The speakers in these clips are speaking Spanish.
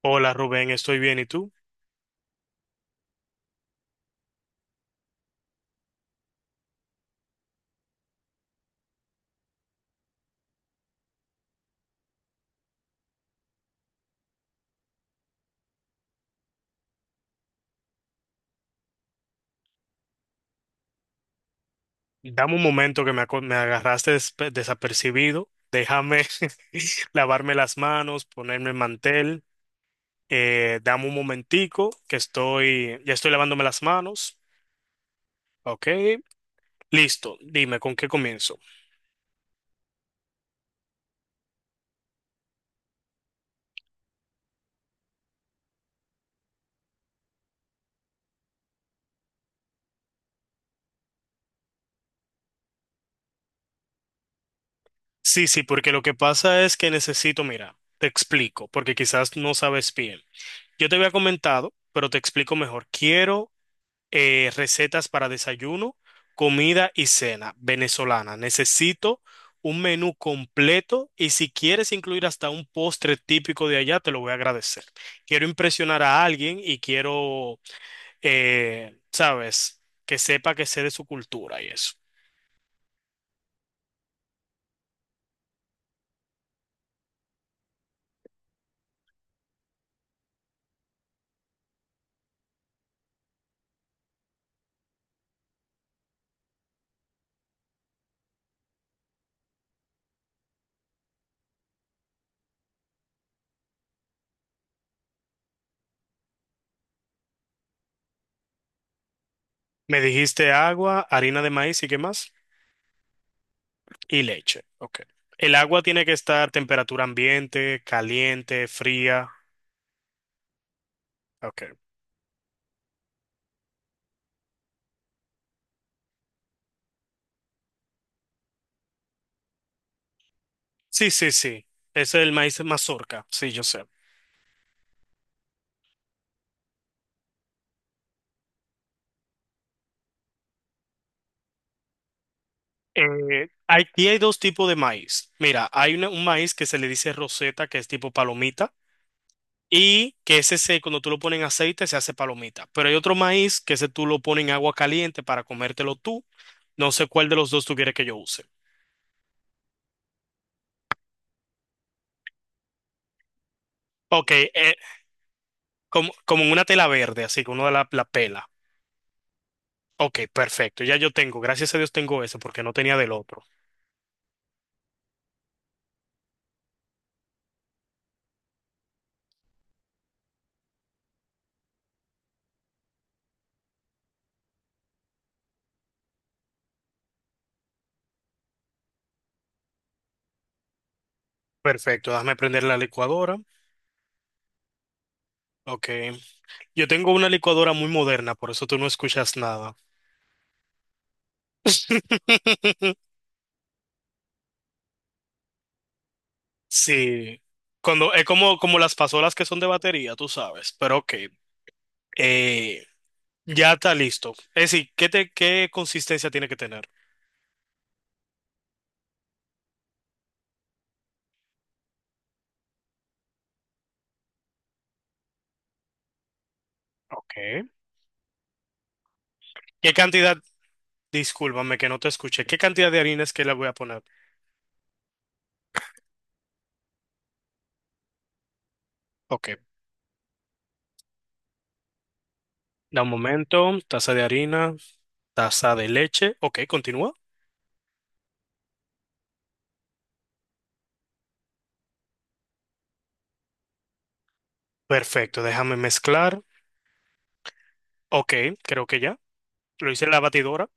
Hola Rubén, estoy bien. ¿Y tú? Dame un momento que me agarraste desapercibido. Déjame lavarme las manos, ponerme el mantel. Dame un momentico que ya estoy lavándome las manos. Ok, listo. Dime, ¿con qué comienzo? Sí, sí, porque lo que pasa es que necesito, mira, te explico, porque quizás no sabes bien. Yo te había comentado, pero te explico mejor. Quiero recetas para desayuno, comida y cena venezolana. Necesito un menú completo y si quieres incluir hasta un postre típico de allá, te lo voy a agradecer. Quiero impresionar a alguien y sabes, que sepa que sé de su cultura y eso. Me dijiste agua, harina de maíz ¿y qué más? Y leche. Ok. El agua tiene que estar temperatura ambiente, caliente, fría. Ok. Sí, sí, sí. Ese es el maíz mazorca. Sí, yo sé. Aquí hay dos tipos de maíz. Mira, hay un maíz que se le dice roseta, que es tipo palomita, y que cuando tú lo pones en aceite se hace palomita. Pero hay otro maíz que ese tú lo pones en agua caliente para comértelo tú. No sé cuál de los dos tú quieres que yo use. Ok, como, como en una tela verde, así que uno la pela. Ok, perfecto. Ya yo tengo, gracias a Dios tengo ese porque no tenía del otro. Perfecto, déjame prender la licuadora. Ok. Yo tengo una licuadora muy moderna, por eso tú no escuchas nada. Sí. Cuando es como, como las pasolas que son de batería, tú sabes. Pero ok. Eh, ya está listo. Es decir, ¿qué te, qué consistencia tiene que tener? Ok. ¿Qué cantidad? Discúlpame que no te escuché. ¿Qué cantidad de harina es que le voy a poner? Ok, da un momento, taza de harina, taza de leche. Ok, continúa. Perfecto, déjame mezclar. Ok, creo que ya. Lo hice en la batidora.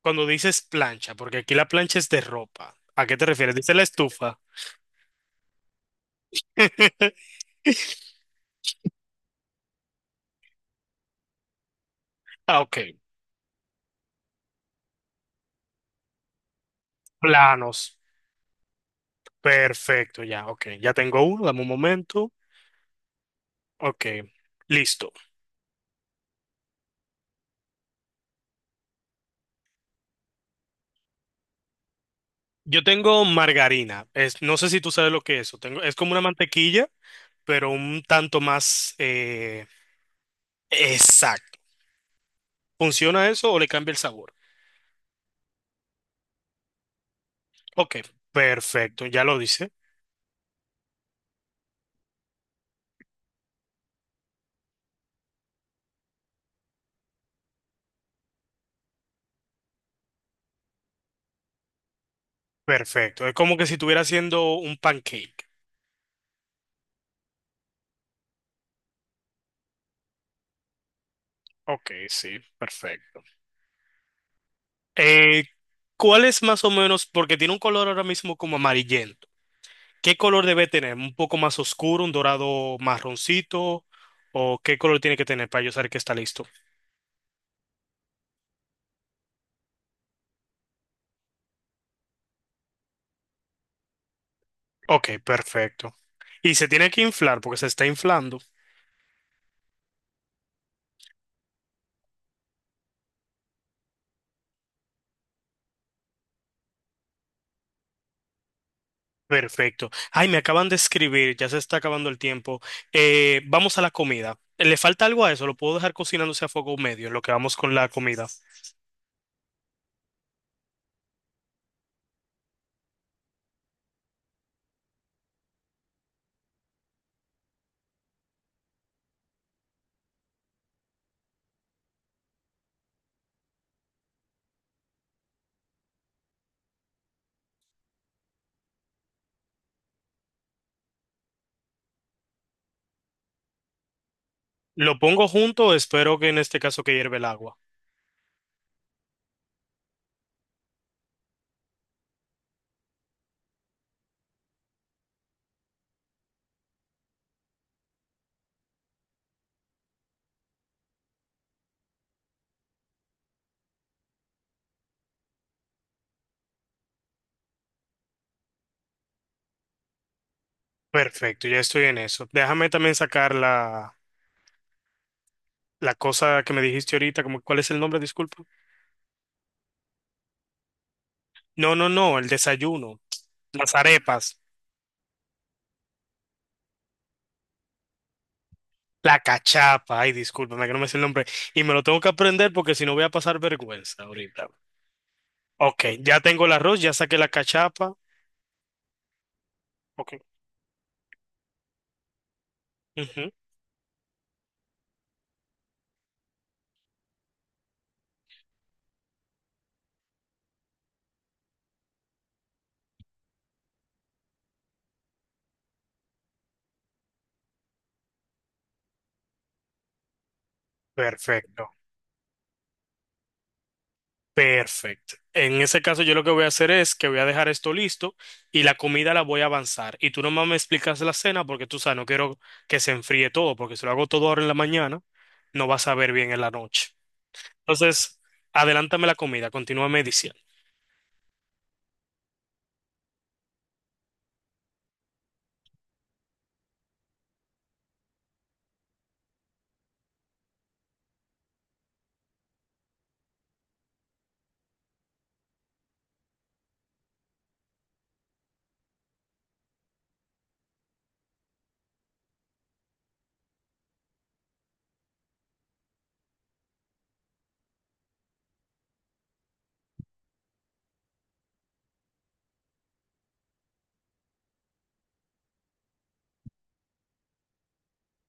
Cuando dices plancha, porque aquí la plancha es de ropa. ¿A qué te refieres? Dice la estufa. Ah, ok. Planos. Perfecto, ya, ok. Ya tengo uno, dame un momento. Ok, listo. Yo tengo margarina. Es, no sé si tú sabes lo que es eso. Tengo, es como una mantequilla, pero un tanto más exacta. ¿Funciona eso o le cambia el sabor? Ok, perfecto, ya lo dice. Perfecto. Es como que si estuviera haciendo un pancake. Ok, sí, perfecto. Eh, ¿Cuál es más o menos? Porque tiene un color ahora mismo como amarillento. ¿Qué color debe tener? ¿Un poco más oscuro, un dorado marroncito? ¿O qué color tiene que tener para yo saber que está listo? Ok, perfecto. Y se tiene que inflar porque se está inflando. Perfecto. Ay, me acaban de escribir, ya se está acabando el tiempo. Vamos a la comida. ¿Le falta algo a eso? ¿Lo puedo dejar cocinándose a fuego medio en lo que vamos con la comida? ¿Lo pongo junto? Espero que en este caso que hierve el agua. Perfecto, ya estoy en eso. Déjame también sacar la cosa que me dijiste ahorita, como, ¿cuál es el nombre? Disculpa. No, no, no, el desayuno, las arepas, la cachapa. Ay, discúlpame que no me sé el nombre. Y me lo tengo que aprender porque si no voy a pasar vergüenza ahorita. Ok, ya tengo el arroz, ya saqué la cachapa. Ok, ujú, perfecto, perfecto. En ese caso, yo lo que voy a hacer es que voy a dejar esto listo y la comida la voy a avanzar. Y tú nomás me explicas la cena porque tú sabes, no quiero que se enfríe todo, porque si lo hago todo ahora en la mañana, no vas a ver bien en la noche. Entonces, adelántame la comida, continúame diciendo.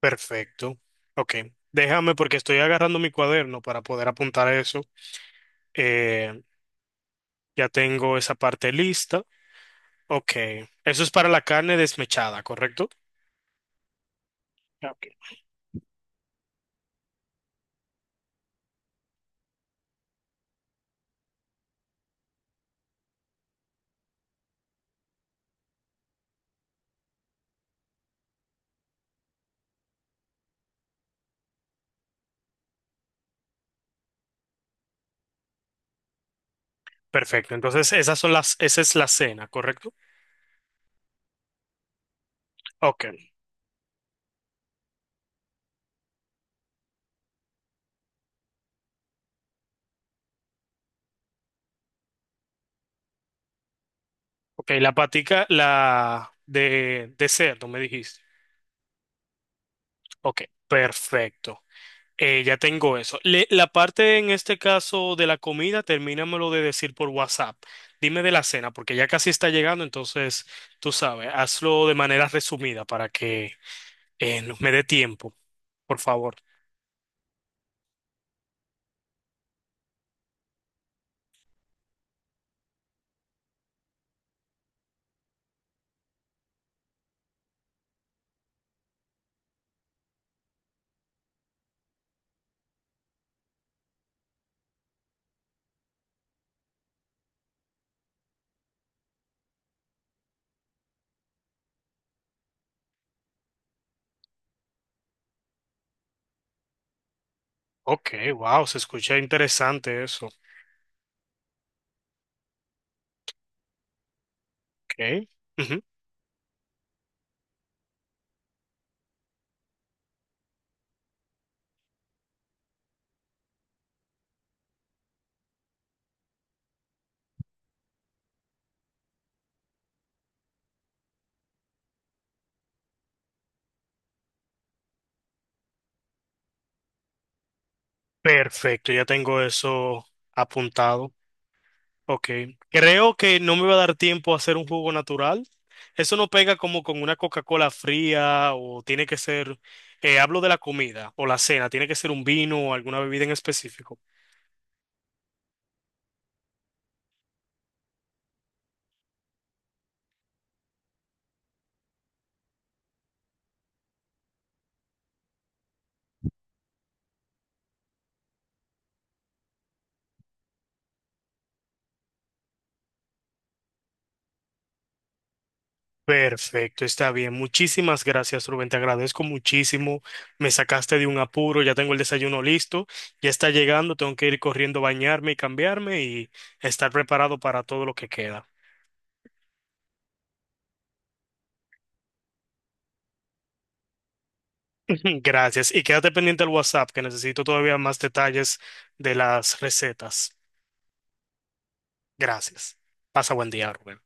Perfecto. Ok, déjame porque estoy agarrando mi cuaderno para poder apuntar eso. Eh, ya tengo esa parte lista. Ok, eso es para la carne desmechada, ¿correcto? Ok. Perfecto, entonces esas son esa es la cena, ¿correcto? Ok, ok, la patica, de cerdo, me dijiste. Ok, perfecto. Ya tengo eso. La parte en este caso de la comida, termínamelo de decir por WhatsApp. Dime de la cena, porque ya casi está llegando, entonces tú sabes, hazlo de manera resumida para que me dé tiempo, por favor. Ok, wow, se escucha interesante eso. Ok. Perfecto, ya tengo eso apuntado. Ok. Creo que no me va a dar tiempo a hacer un jugo natural. Eso no pega como con una Coca-Cola fría o tiene que ser, hablo de la comida o la cena, tiene que ser un vino o alguna bebida en específico. Perfecto, está bien. Muchísimas gracias, Rubén. Te agradezco muchísimo. Me sacaste de un apuro, ya tengo el desayuno listo, ya está llegando, tengo que ir corriendo a bañarme y cambiarme y estar preparado para todo lo que queda. Gracias. Y quédate pendiente al WhatsApp, que necesito todavía más detalles de las recetas. Gracias. Pasa buen día, Rubén.